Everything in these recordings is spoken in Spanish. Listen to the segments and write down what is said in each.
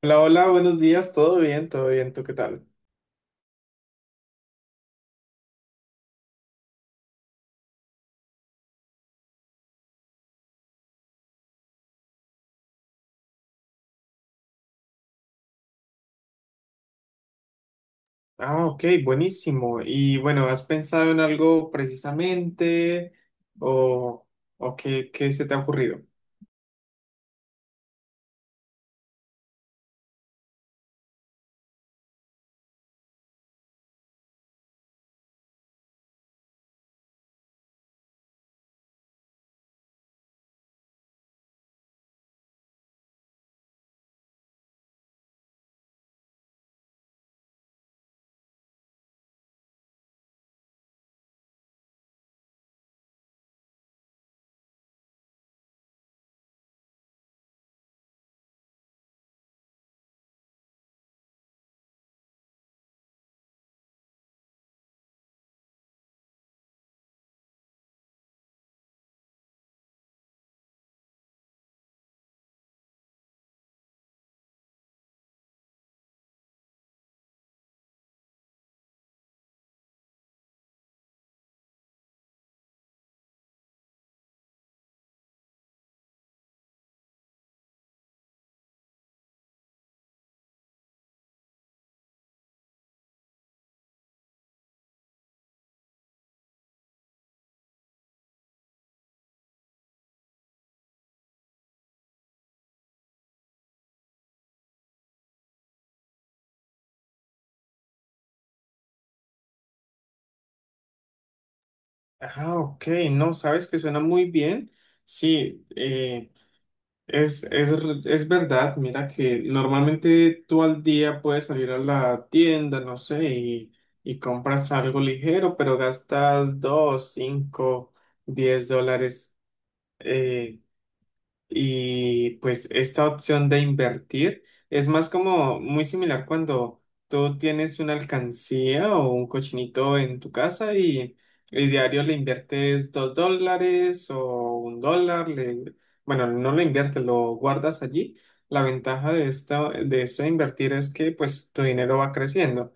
Hola, hola, buenos días, todo bien, ¿tú qué tal? Ah, ok, buenísimo. Y bueno, ¿has pensado en algo precisamente o, o qué se te ha ocurrido? Ah, ok, no, sabes que suena muy bien. Sí, es verdad, mira que normalmente tú al día puedes salir a la tienda, no sé, y compras algo ligero, pero gastas 2, 5, $10. eh, Y pues esta opción de invertir es más como muy similar cuando tú tienes una alcancía o un cochinito en tu casa y diario le inviertes $2 o $1, bueno, no lo inviertes, lo guardas allí. La ventaja de esto, de invertir es que pues tu dinero va creciendo.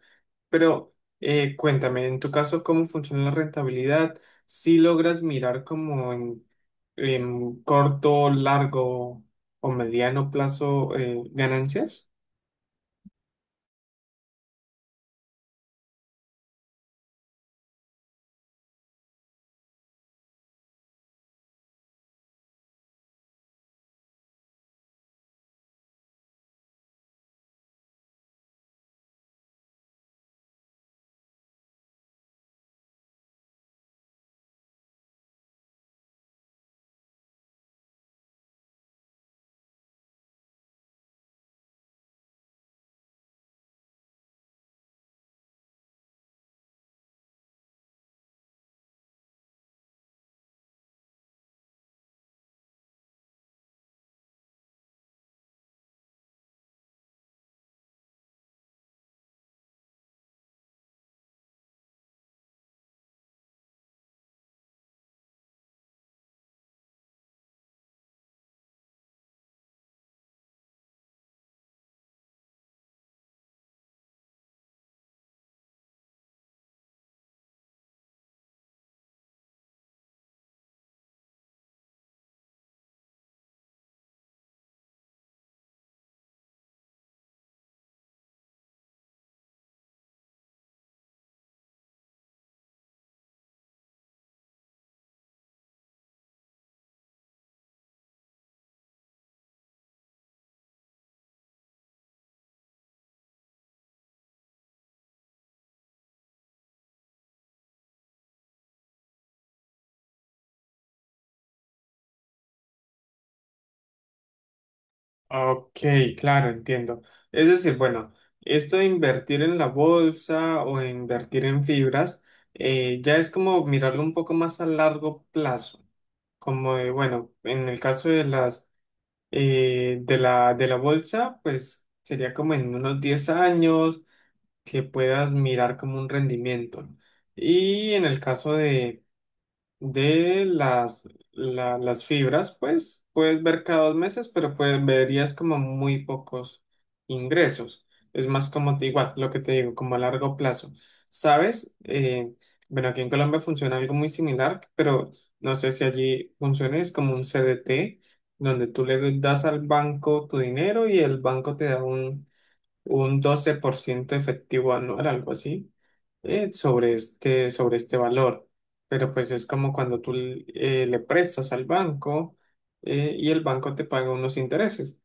Pero cuéntame, en tu caso, ¿cómo funciona la rentabilidad? Si logras mirar como en corto, largo o mediano plazo ¿ganancias? Ok, claro, entiendo. Es decir, bueno, esto de invertir en la bolsa o invertir en fibras ya es como mirarlo un poco más a largo plazo. Como de, bueno, en el caso de la bolsa, pues sería como en unos 10 años que puedas mirar como un rendimiento, ¿no? Y en el caso de las fibras, pues puedes ver cada 2 meses, pero pues verías como muy pocos ingresos. Es más como igual, lo que te digo, como a largo plazo. ¿Sabes? Bueno, aquí en Colombia funciona algo muy similar, pero no sé si allí funciona, es como un CDT, donde tú le das al banco tu dinero y el banco te da un 12% efectivo anual, algo así, sobre este valor. Pero pues es como cuando tú le prestas al banco y el banco te paga unos intereses.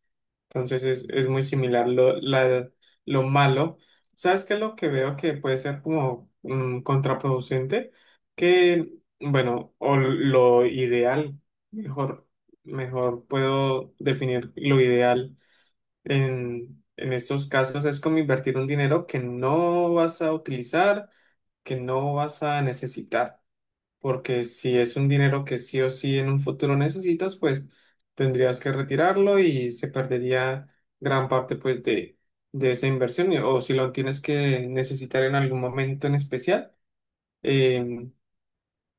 Entonces es muy similar lo, lo malo. ¿Sabes qué es lo que veo que puede ser como contraproducente? Que, bueno, o lo ideal, mejor, mejor puedo definir lo ideal en estos casos es como invertir un dinero que no vas a utilizar, que no vas a necesitar, porque si es un dinero que sí o sí en un futuro necesitas, pues tendrías que retirarlo y se perdería gran parte pues de esa inversión, o si lo tienes que necesitar en algún momento en especial, em,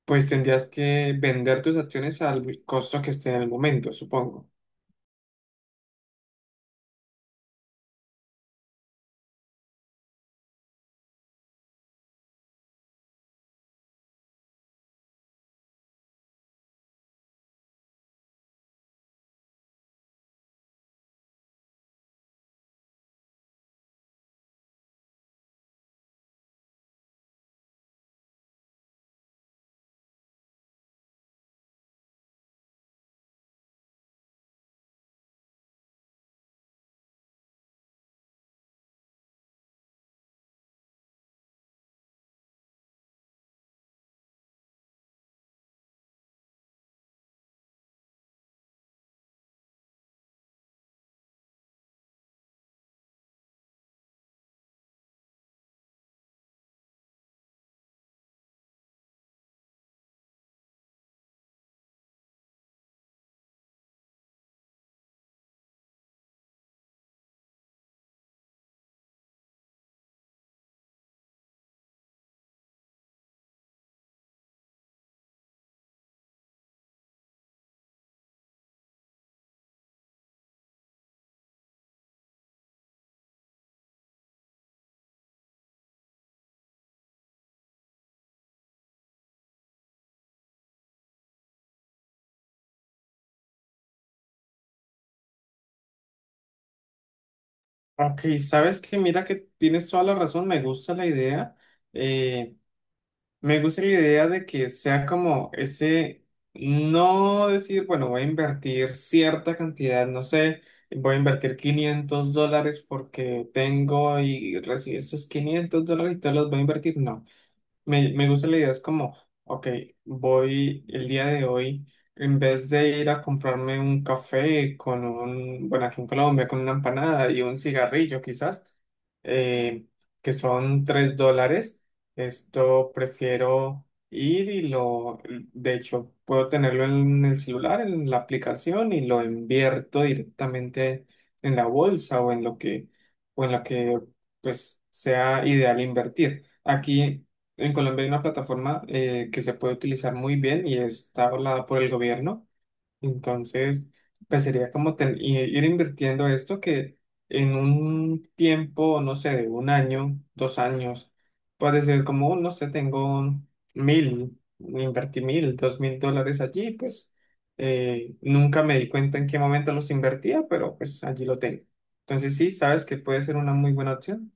pues tendrías que vender tus acciones al costo que esté en el momento, supongo. Ok, sabes que mira que tienes toda la razón, me gusta la idea, eh, me gusta la idea de que sea como ese, no decir, bueno, voy a invertir cierta cantidad, no sé, voy a invertir $500 porque tengo y recibí esos $500 y todos los voy a invertir, no. Me gusta la idea, es como, ok, voy el día de hoy, en vez de ir a comprarme un café con bueno, aquí en Colombia, con una empanada y un cigarrillo quizás, eh, que son $3, esto prefiero ir y de hecho, puedo tenerlo en el celular, en la aplicación y lo invierto directamente en la bolsa o en lo que, pues, sea ideal invertir. Aquí en Colombia hay una plataforma que se puede utilizar muy bien y está avalada por el gobierno. Entonces, pues sería como ir invirtiendo esto que en un tiempo, no sé, de un año, 2 años, puede ser como, no sé, invertí 1.000, $2.000 allí, pues nunca me di cuenta en qué momento los invertía, pero pues allí lo tengo. Entonces, sí, sabes que puede ser una muy buena opción.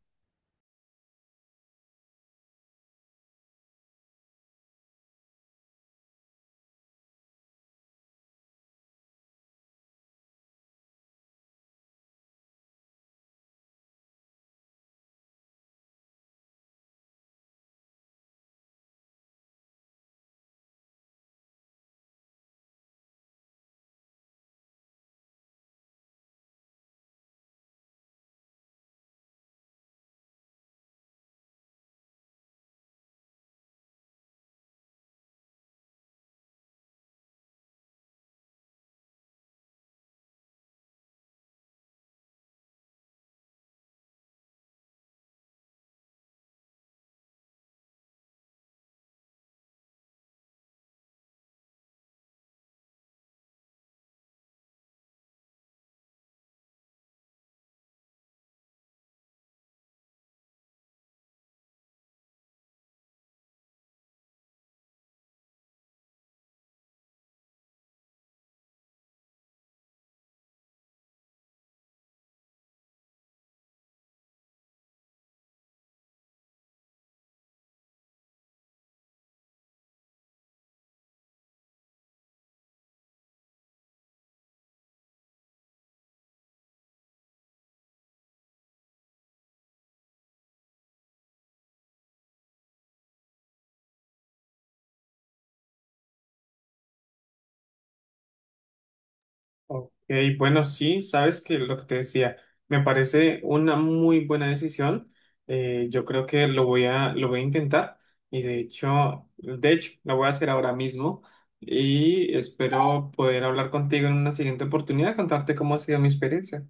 Ok, bueno, sí, sabes que lo que te decía, me parece una muy buena decisión. Yo creo que lo voy a intentar y de hecho, lo voy a hacer ahora mismo y espero poder hablar contigo en una siguiente oportunidad, contarte cómo ha sido mi experiencia.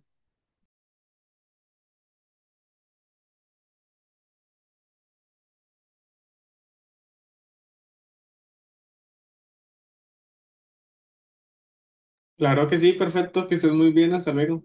Claro que sí, perfecto, que estés muy bien, hasta luego.